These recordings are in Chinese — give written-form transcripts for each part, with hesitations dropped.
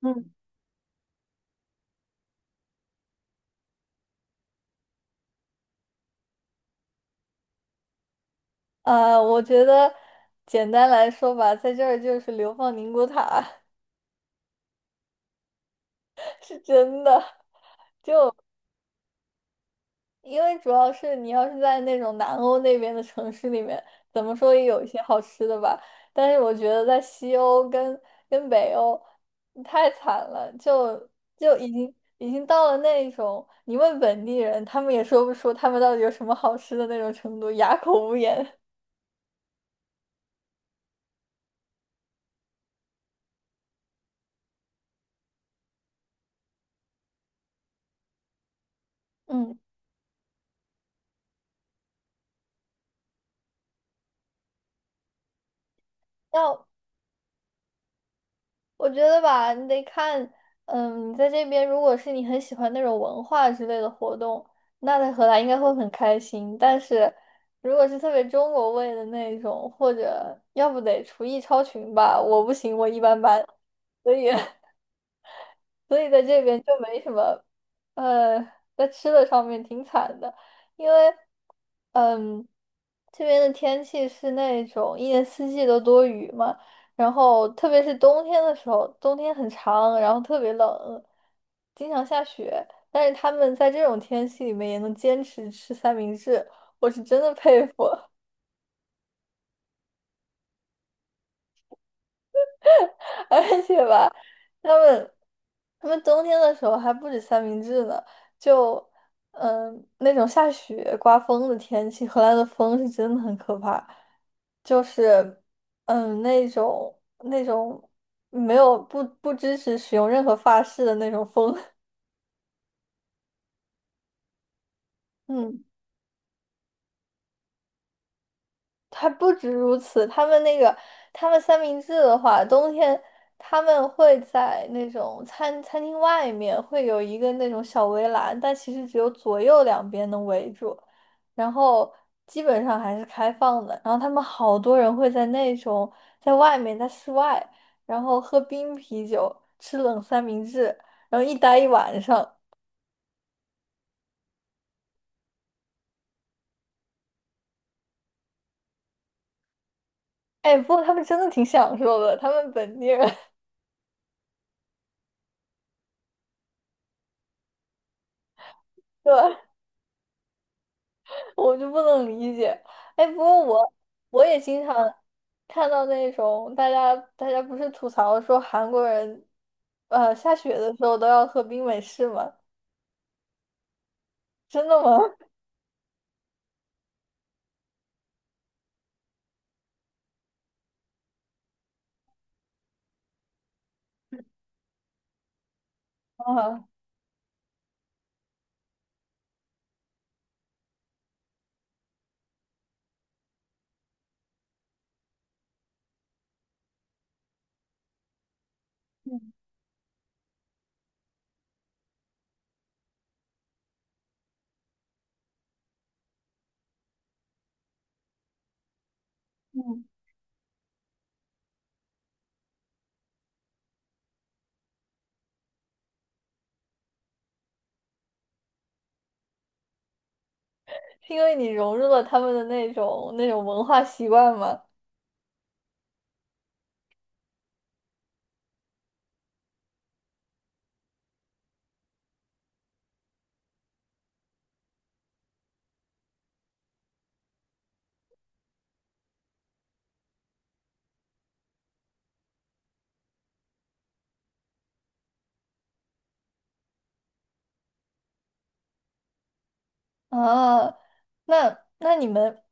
嗯，我觉得简单来说吧，在这儿就是流放宁古塔。 是真的，因为主要是你要是在那种南欧那边的城市里面，怎么说也有一些好吃的吧。但是我觉得在西欧跟北欧太惨了，就已经到了那种你问本地人，他们也说不出他们到底有什么好吃的那种程度，哑口无言。嗯。要。我觉得吧，你得看，嗯，你在这边，如果是你很喜欢那种文化之类的活动，那在荷兰应该会很开心。但是，如果是特别中国味的那种，或者要不得厨艺超群吧，我不行，我一般般，所以 所以在这边就没什么，呃，在吃的上面挺惨的，因为，嗯，这边的天气是那种一年四季都多雨嘛，然后特别是冬天的时候，冬天很长，然后特别冷，经常下雪，但是他们在这种天气里面也能坚持吃三明治，我是真的佩服。而且吧，他们他们冬天的时候还不止三明治呢，就那种下雪刮风的天气，荷兰的风是真的很可怕，就是嗯那种那种没有不支持使用任何发饰的那种风，嗯。还不止如此，他们三明治的话，冬天他们会在那种餐厅外面会有一个那种小围栏，但其实只有左右两边能围住，然后基本上还是开放的。然后他们好多人会在那种在外面在室外，然后喝冰啤酒，吃冷三明治，然后一待一晚上。哎，不过他们真的挺享受的，他们本地人。对。我就不能理解。哎，不过我也经常看到那种大家不是吐槽说韩国人，下雪的时候都要喝冰美式吗？真的吗？啊，嗯嗯，是因为你融入了他们的那种文化习惯吗？啊，那你们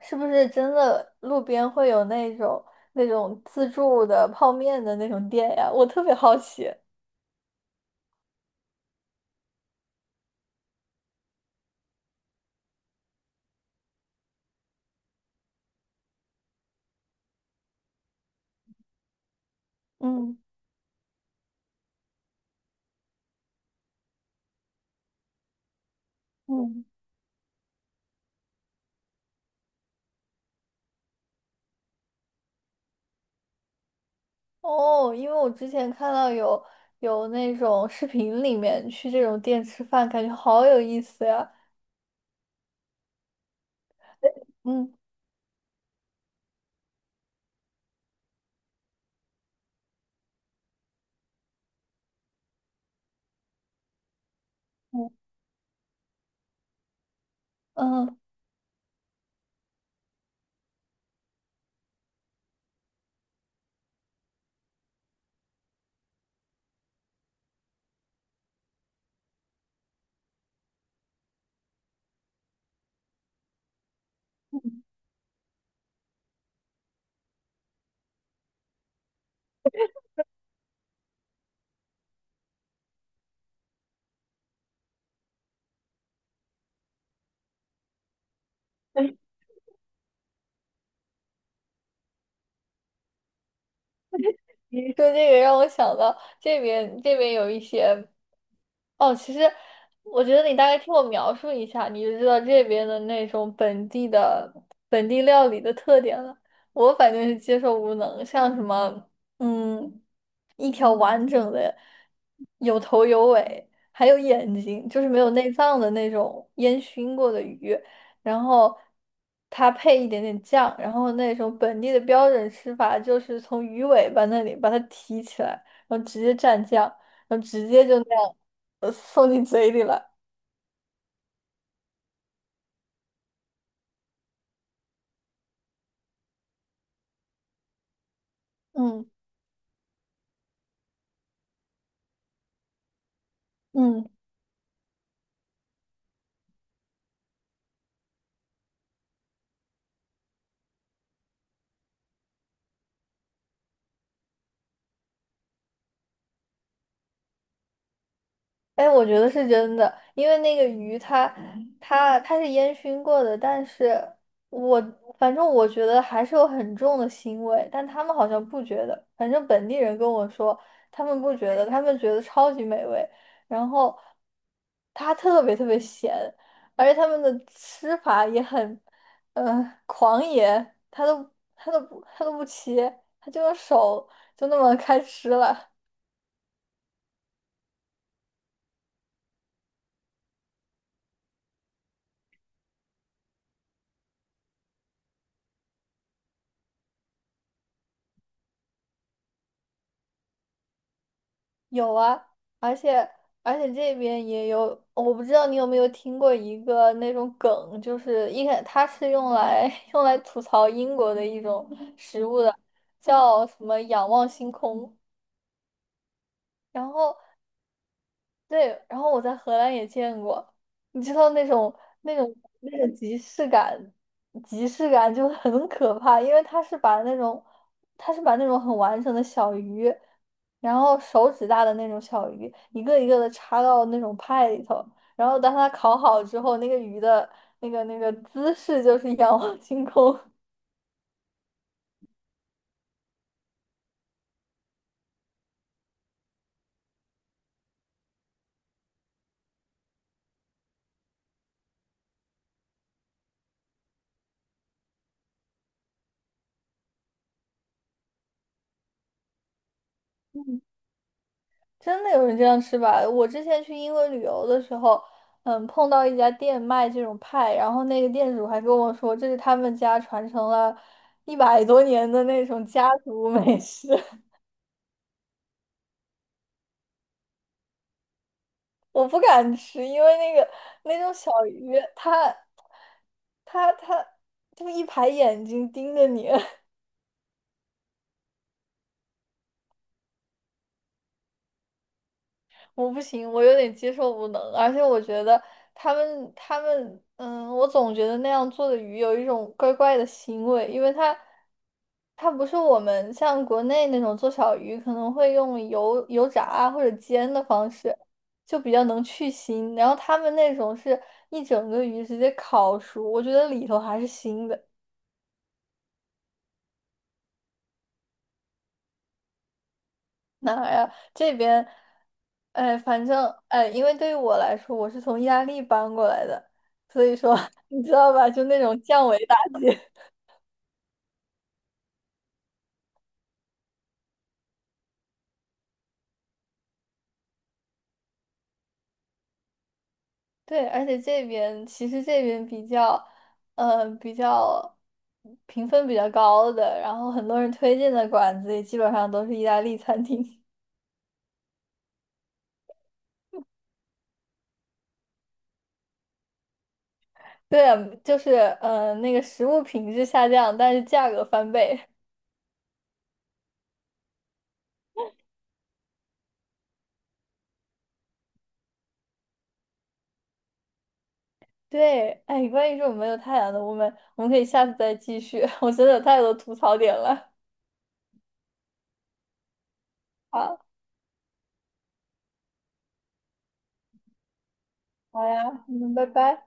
是不是真的路边会有那种自助的泡面的那种店呀？我特别好奇。嗯嗯。哦，因为我之前看到有那种视频里面去这种店吃饭，感觉好有意思呀。嗯嗯嗯，嗯你说这个让我想到这边有一些。哦，其实我觉得你大概听我描述一下，你就知道这边的那种本地料理的特点了。我反正是接受无能，像什么，嗯，一条完整的，有头有尾，还有眼睛，就是没有内脏的那种烟熏过的鱼，然后它配一点点酱，然后那种本地的标准吃法就是从鱼尾巴那里把它提起来，然后直接蘸酱。然后直接就那样送进嘴里了。嗯嗯。哎，我觉得是真的，因为那个鱼它是烟熏过的，但是我反正我觉得还是有很重的腥味，但他们好像不觉得，反正本地人跟我说他们不觉得，他们觉得超级美味，然后它特别特别咸，而且他们的吃法也很狂野，他都不切，他就用手就那么开吃了。有啊，而且而且这边也有，我不知道你有没有听过一个那种梗，就是一开它是用来 用来吐槽英国的一种食物的，叫什么仰望星空。然后对，然后我在荷兰也见过，你知道那种那种即视感，即视感就很可怕，因为他是把那种很完整的小鱼，然后手指大的那种小鱼，一个一个的插到那种派里头，然后当它烤好之后，那个鱼的那个姿势就是仰望星空。真的有人这样吃吧？我之前去英国旅游的时候，嗯，碰到一家店卖这种派，然后那个店主还跟我说，这是他们家传承了一百多年的那种家族美食。我不敢吃，因为那个那种小鱼，它就一排眼睛盯着你。我不行，我有点接受不能，而且我觉得他们，嗯，我总觉得那样做的鱼有一种怪怪的腥味，因为它不是我们像国内那种做小鱼可能会用油炸啊或者煎的方式，就比较能去腥，然后他们那种是一整个鱼直接烤熟，我觉得里头还是腥的。哪儿呀？这边，哎，反正哎，因为对于我来说，我是从意大利搬过来的，所以说 你知道吧，就那种降维打击。对，而且这边其实这边比较，嗯，比较评分比较高的，然后很多人推荐的馆子也基本上都是意大利餐厅。对啊就是嗯，那个食物品质下降，但是价格翻倍。对，哎，关于这种没有太阳的，我们可以下次再继续。我真的有太多吐槽点了。好，好呀，嗯，拜拜。